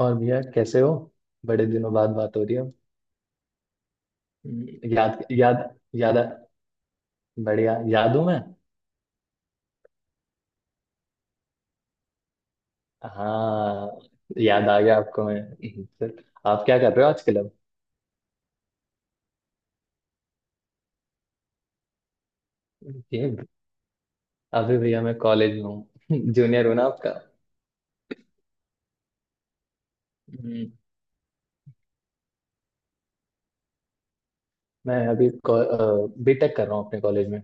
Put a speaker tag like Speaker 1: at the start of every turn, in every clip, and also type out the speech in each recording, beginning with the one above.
Speaker 1: और भैया कैसे हो। बड़े दिनों बाद बात हो रही हो। याद याद याद आ- बढ़िया, याद हूँ मैं। हाँ, याद आ गया आपको। मैं सर, आप क्या कर रहे हो आजकल अब। ये अभी भैया मैं कॉलेज में हूँ जूनियर हूँ ना आपका। हम्म, मैं अभी बीटेक कर रहा हूँ अपने कॉलेज में।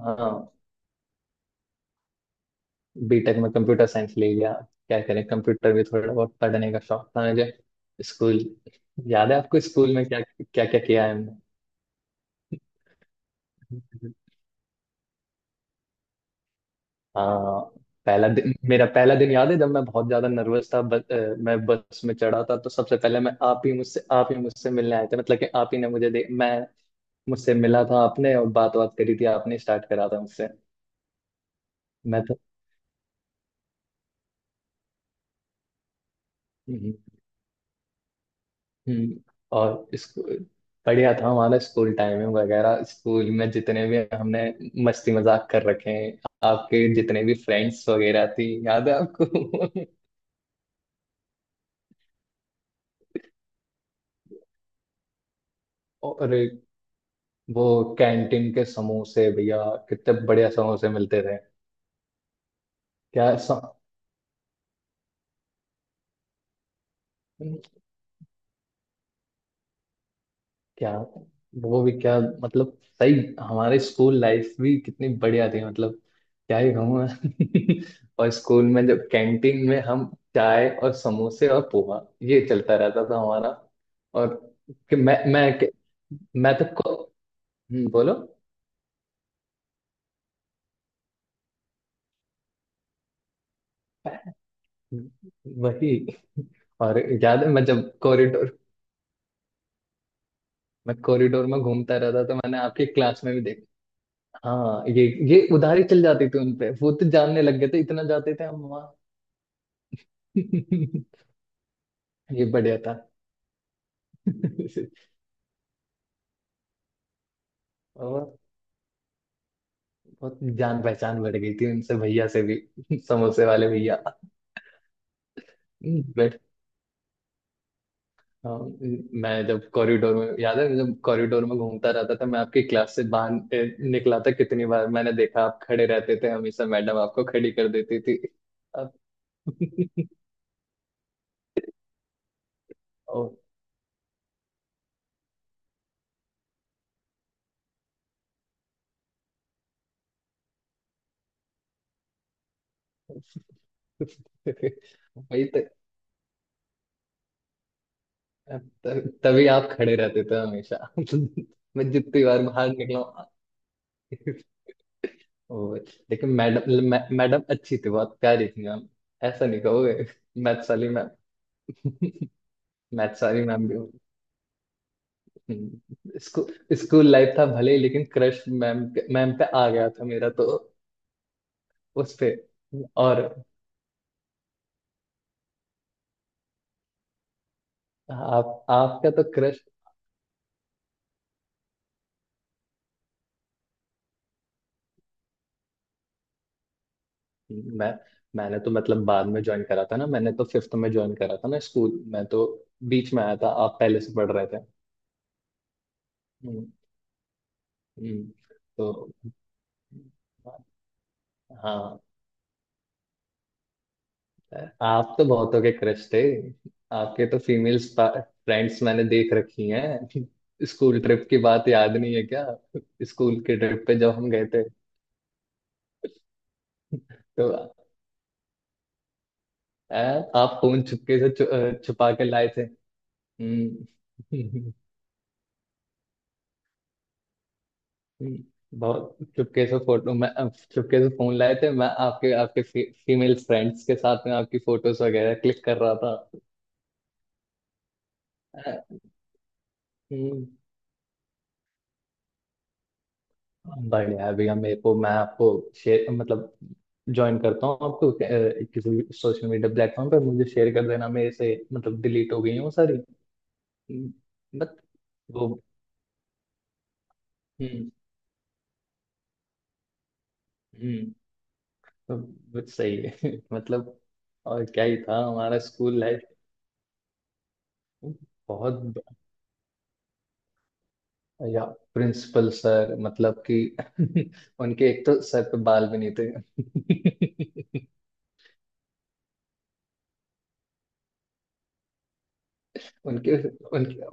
Speaker 1: हाँ, बीटेक में कंप्यूटर साइंस ले लिया। क्या करें, कंप्यूटर भी थोड़ा बहुत पढ़ने का शौक था मुझे। स्कूल याद है आपको? स्कूल में क्या क्या क्या किया है हमने। हाँ, पहला दिन मेरा पहला दिन याद है, जब मैं बहुत ज्यादा नर्वस था। मैं बस में चढ़ा था तो सबसे पहले मैं आप ही मुझसे मिलने आए थे। मतलब कि आप ही ने मुझे दे मैं मुझसे मिला था आपने, और बात बात करी थी आपने, स्टार्ट करा था मुझसे। मैं तो हम्म, हम्म, और स्कूल बढ़िया था हमारा। स्कूल टाइमिंग वगैरह, स्कूल में जितने भी हमने मस्ती मजाक कर रखे हैं। आपके जितने भी फ्रेंड्स वगैरह थी, याद है आपको और वो कैंटीन के समोसे भैया, कितने बढ़िया समोसे मिलते थे। क्या सम... क्या वो भी क्या, मतलब सही। हमारे स्कूल लाइफ भी कितनी बढ़िया थी, मतलब क्या ही कहूँ मैं और स्कूल में जब कैंटीन में हम, चाय और समोसे और पोहा, ये चलता रहता था हमारा। और कि मैं कि, मैं तो को, बोलो। वही। और याद है, मैं कॉरिडोर में घूमता रहता, तो मैंने आपकी क्लास में भी देखा। हाँ, ये उधारी चल जाती थी उनपे। वो तो जानने लग गए थे, इतना जाते थे हम वहाँ ये बढ़िया था और बहुत जान पहचान बढ़ गई थी उनसे, भैया से भी समोसे वाले भैया। बट हाँ, मैं जब कॉरिडोर में, याद है जब कॉरिडोर में घूमता रहता था मैं, आपकी क्लास से बाहर निकला था, कितनी बार मैंने देखा आप खड़े रहते थे हमेशा। मैडम आपको खड़ी कर देती थी। अब- और वही तो। तभी आप खड़े रहते थे हमेशा मैं जितनी बार बाहर निकला। लेकिन मैडम, मैडम अच्छी थी, बहुत प्यारी थी मैम। ऐसा नहीं कहोगे। मैथ्स वाली मैम मैथ्स वाली मैम भी। स्कूल स्कूल लाइफ था भले ही, लेकिन मैम पे आ गया था मेरा तो। उस पे। और आप आपका तो क्रश। मैं मैंने तो, मतलब बाद में ज्वाइन करा था ना, मैंने तो फिफ्थ में ज्वाइन करा था ना स्कूल। मैं तो बीच में आया था, आप पहले से पढ़ रहे थे। हम्म, हम्म, तो हाँ, आप तो बहुतों के क्रश थे। आपके तो फीमेल फ्रेंड्स मैंने देख रखी हैं। स्कूल ट्रिप की बात याद नहीं है क्या? स्कूल के ट्रिप पे जब हम गए थे, तो आ, आप फोन चुपके से छुपा के लाए थे। हम्म, बहुत चुपके से फोटो। मैं चुपके से, फोन लाए थे, मैं आपके, आपके फीमेल फ्रेंड्स के साथ में आपकी फोटोज वगैरह क्लिक कर रहा था। हम्म, बढ़िया है भैया। मेरे को, मैं आपको शेयर, मतलब ज्वाइन करता हूँ आपको। किसी भी सोशल मीडिया प्लेटफॉर्म पर मुझे शेयर कर देना, मेरे से मतलब डिलीट हो गई है वो सारी। बट वो, हम्म हम्म तो बस सही है मतलब। और क्या ही था हमारा स्कूल लाइफ। बहुत ब- या प्रिंसिपल सर, मतलब कि उनके एक तो सर पे बाल भी नहीं थे उनके उनके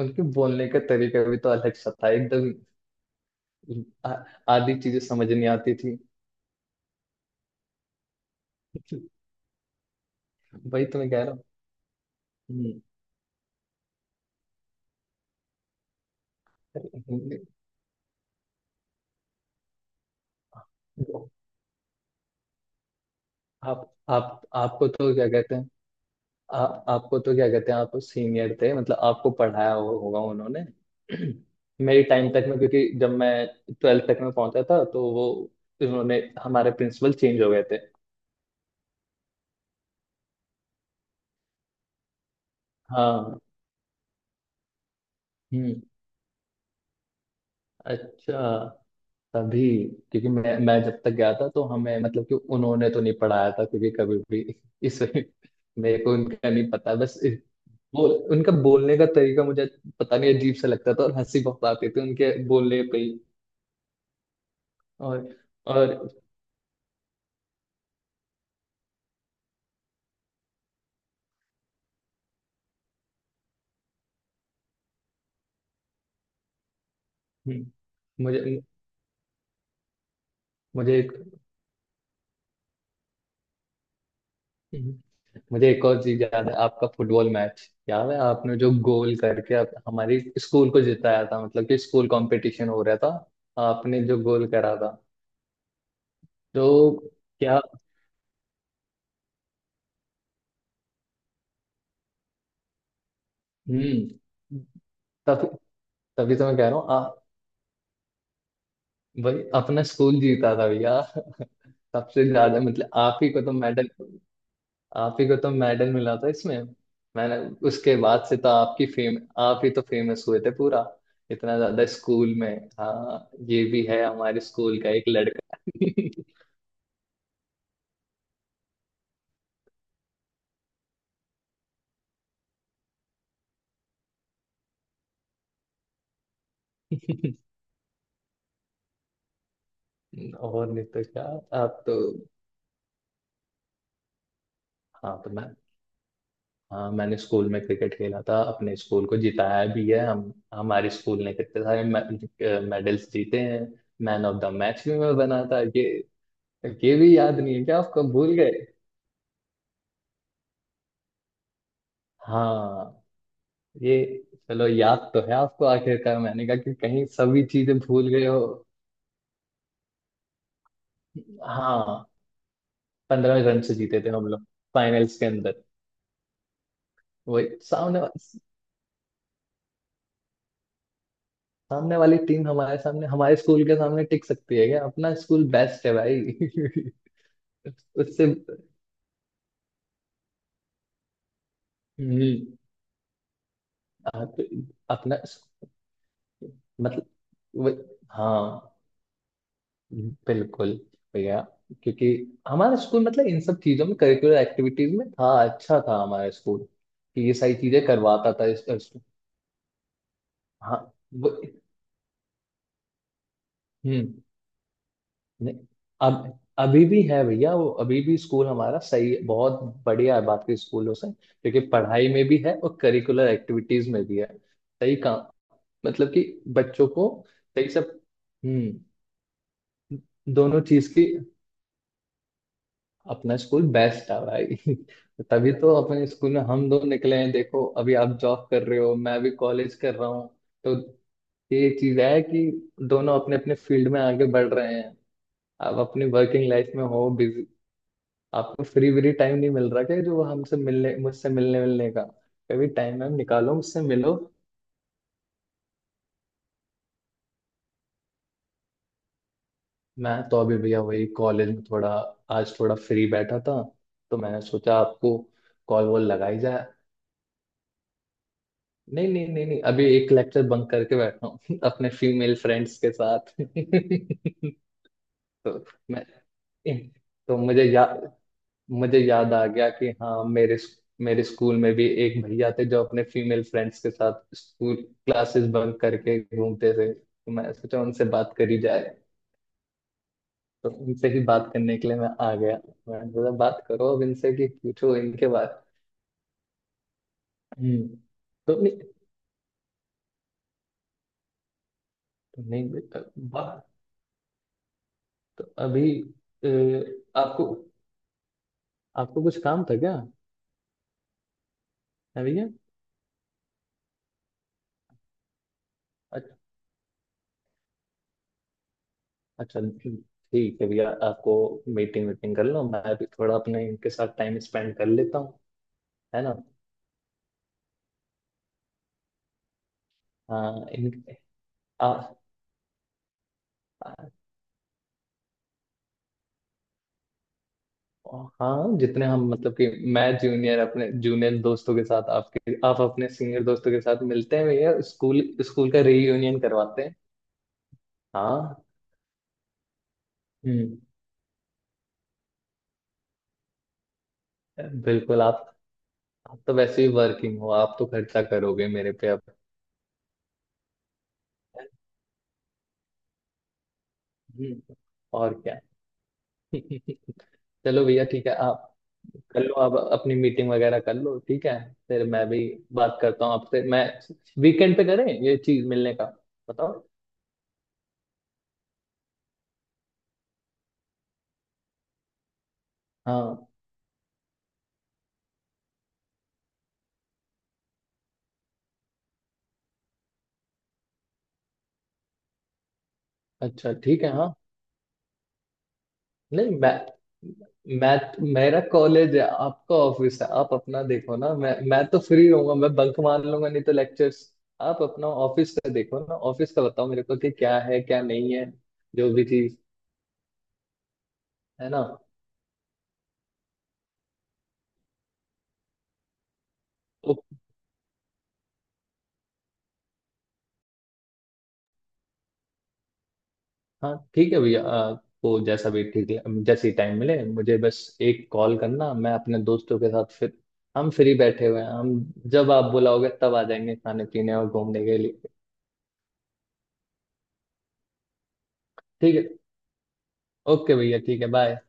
Speaker 1: उनके बोलने का तरीका भी तो अलग सा था एकदम। आ- आधी चीजें समझ नहीं आती थी। वही तो मैं कह रहा हूँ। हम्म, अरे आप आपको तो क्या कहते हैं। आपको तो क्या कहते हैं, आप सीनियर थे, मतलब आपको पढ़ाया होगा उन्होंने। मेरी टाइम तक में, क्योंकि जब मैं ट्वेल्थ तक में पहुंचा था, तो वो उन्होंने हमारे प्रिंसिपल चेंज हो गए थे। हाँ। हम्म अच्छा। तभी, क्योंकि मैं जब तक गया था, तो हमें मतलब कि उन्होंने तो नहीं पढ़ाया था, क्योंकि कभी भी इस, मेरे को उनका नहीं पता, बस वो, उनका बोलने का तरीका मुझे पता नहीं, अजीब सा लगता था और हंसी बहुत आती थी उनके बोलने पे ही। और और हम्म, मुझे, मुझे एक हम्म, मुझे एक और चीज याद है, आपका फुटबॉल मैच। याद है आपने जो गोल करके हमारी स्कूल को जिताया था। मतलब कि स्कूल कंपटीशन हो रहा था, आपने जो गोल करा था। तो क्या। हम्म। तभी, तो मैं कह रहा हूँ। भाई, अपना स्कूल जीता था भैया सबसे ज्यादा मतलब आप ही को तो मेडल, आप ही को तो मेडल मिला था इसमें। मैंने, उसके बाद से तो आपकी फेम, आप ही तो फेमस हुए थे पूरा, इतना ज्यादा स्कूल में। हाँ, ये भी है हमारे स्कूल का एक लड़का और नहीं तो क्या। आप तो, हाँ तो मैं, हाँ मैंने स्कूल में क्रिकेट खेला था, अपने स्कूल को जिताया भी है। हम हमारे स्कूल ने कितने सारे मेडल्स जीते हैं। मैन ऑफ द मैच भी मैं बना था। ये भी याद नहीं है क्या आपको, भूल गए? हाँ। ये, चलो याद तो है आपको आखिरकार। मैंने कहा कि कहीं सभी चीजें भूल गए हो। हाँ, पंद्रह रन से जीते थे हम लोग, फाइनल्स के अंदर। वही सामने वाली टीम, हमारे सामने, हमारे स्कूल के सामने टिक सकती है क्या? अपना स्कूल बेस्ट है भाई उससे। हम्म तो अपना, मतलब, वे- हाँ, बिल्कुल भैया, क्योंकि हमारा स्कूल, मतलब इन सब चीजों में, करिकुलर एक्टिविटीज में था, अच्छा था हमारा स्कूल कि ये सारी चीजें करवाता था। इस हाँ, वो- हम्म नहीं, अब अभी भी है भैया वो, अभी भी स्कूल हमारा सही है, बहुत बढ़िया है, बाकी स्कूलों से, क्योंकि पढ़ाई में भी है और करिकुलर एक्टिविटीज में भी है, सही काम, मतलब कि बच्चों को सही सब। हम्म दोनों चीज की। अपना स्कूल बेस्ट था भाई तभी तो अपने स्कूल में हम दो निकले हैं, देखो, अभी आप जॉब कर रहे हो, मैं भी कॉलेज कर रहा हूँ। तो ये चीज है कि दोनों अपने अपने फील्ड में आगे बढ़ रहे हैं। आप अपनी वर्किंग लाइफ में हो बिजी, आपको फ्री व्री टाइम नहीं मिल रहा क्या, जो हमसे मिलने, मुझसे मिलने मिलने का? कभी टाइम वाइम निकालो, मुझसे मिलो। मैं तो अभी भैया वही कॉलेज में, थोड़ा आज थोड़ा फ्री बैठा था, तो मैंने सोचा आपको कॉल वॉल लगाई जाए। नहीं नहीं नहीं नहीं, अभी एक लेक्चर बंक करके बैठा हूँ अपने फीमेल फ्रेंड्स के साथ तो मैं, तो मुझे याद आ गया कि हाँ, मेरे मेरे स्कूल में भी एक भैया थे, जो अपने फीमेल फ्रेंड्स के साथ स्कूल क्लासेस बंक करके घूमते थे, तो मैं सोचा उनसे बात करी जाए। तो उनसे ही बात करने के लिए मैं आ गया। मैंने बोला बात करो अब इनसे, कि पूछो इनके बारे। हम्म, तो नहीं, तो नहीं बेटा, वाह। तो अभी, अ, आपको आपको कुछ काम था क्या? है भैया। अच- अच्छा, ठीक है भैया, आपको मीटिंग वीटिंग कर लो, मैं भी थोड़ा अपने इनके साथ टाइम स्पेंड कर लेता हूँ, है ना। हाँ इन, आ, आ, हाँ, जितने हम, मतलब कि मैं जूनियर, अपने जूनियर दोस्तों के साथ, आपके, आप अपने सीनियर दोस्तों के साथ मिलते हैं भैया, स्कूल स्कूल का रीयूनियन करवाते हैं। हाँ। हम्म बिल्कुल। आप तो वैसे ही वर्किंग हो, आप तो खर्चा करोगे मेरे पे अब। हम्म, और क्या चलो भैया ठीक है, आप कर लो, आप अपनी मीटिंग वगैरह कर लो। ठीक है, फिर मैं भी बात करता हूँ आपसे। मैं वीकेंड पे करें ये चीज मिलने का, बताओ। हाँ अच्छा, ठीक है। हाँ नहीं, मैं मैं मेरा कॉलेज है, आपका ऑफिस है, आप अपना देखो ना। मैं तो फ्री रहूंगा, मैं बंक मार लूंगा नहीं तो लेक्चर्स। आप अपना ऑफिस का देखो ना, ऑफिस का बताओ मेरे को कि क्या है क्या नहीं है, जो भी चीज, है ना। हाँ ठीक है भैया, आपको जैसा भी ठीक है, जैसे टाइम मिले, मुझे बस एक कॉल करना। मैं अपने दोस्तों के साथ, फिर हम फ्री बैठे हुए हैं हम। जब आप बुलाओगे तब आ जाएंगे खाने पीने और घूमने के लिए। ठीक है। ओके भैया, ठीक है, बाय।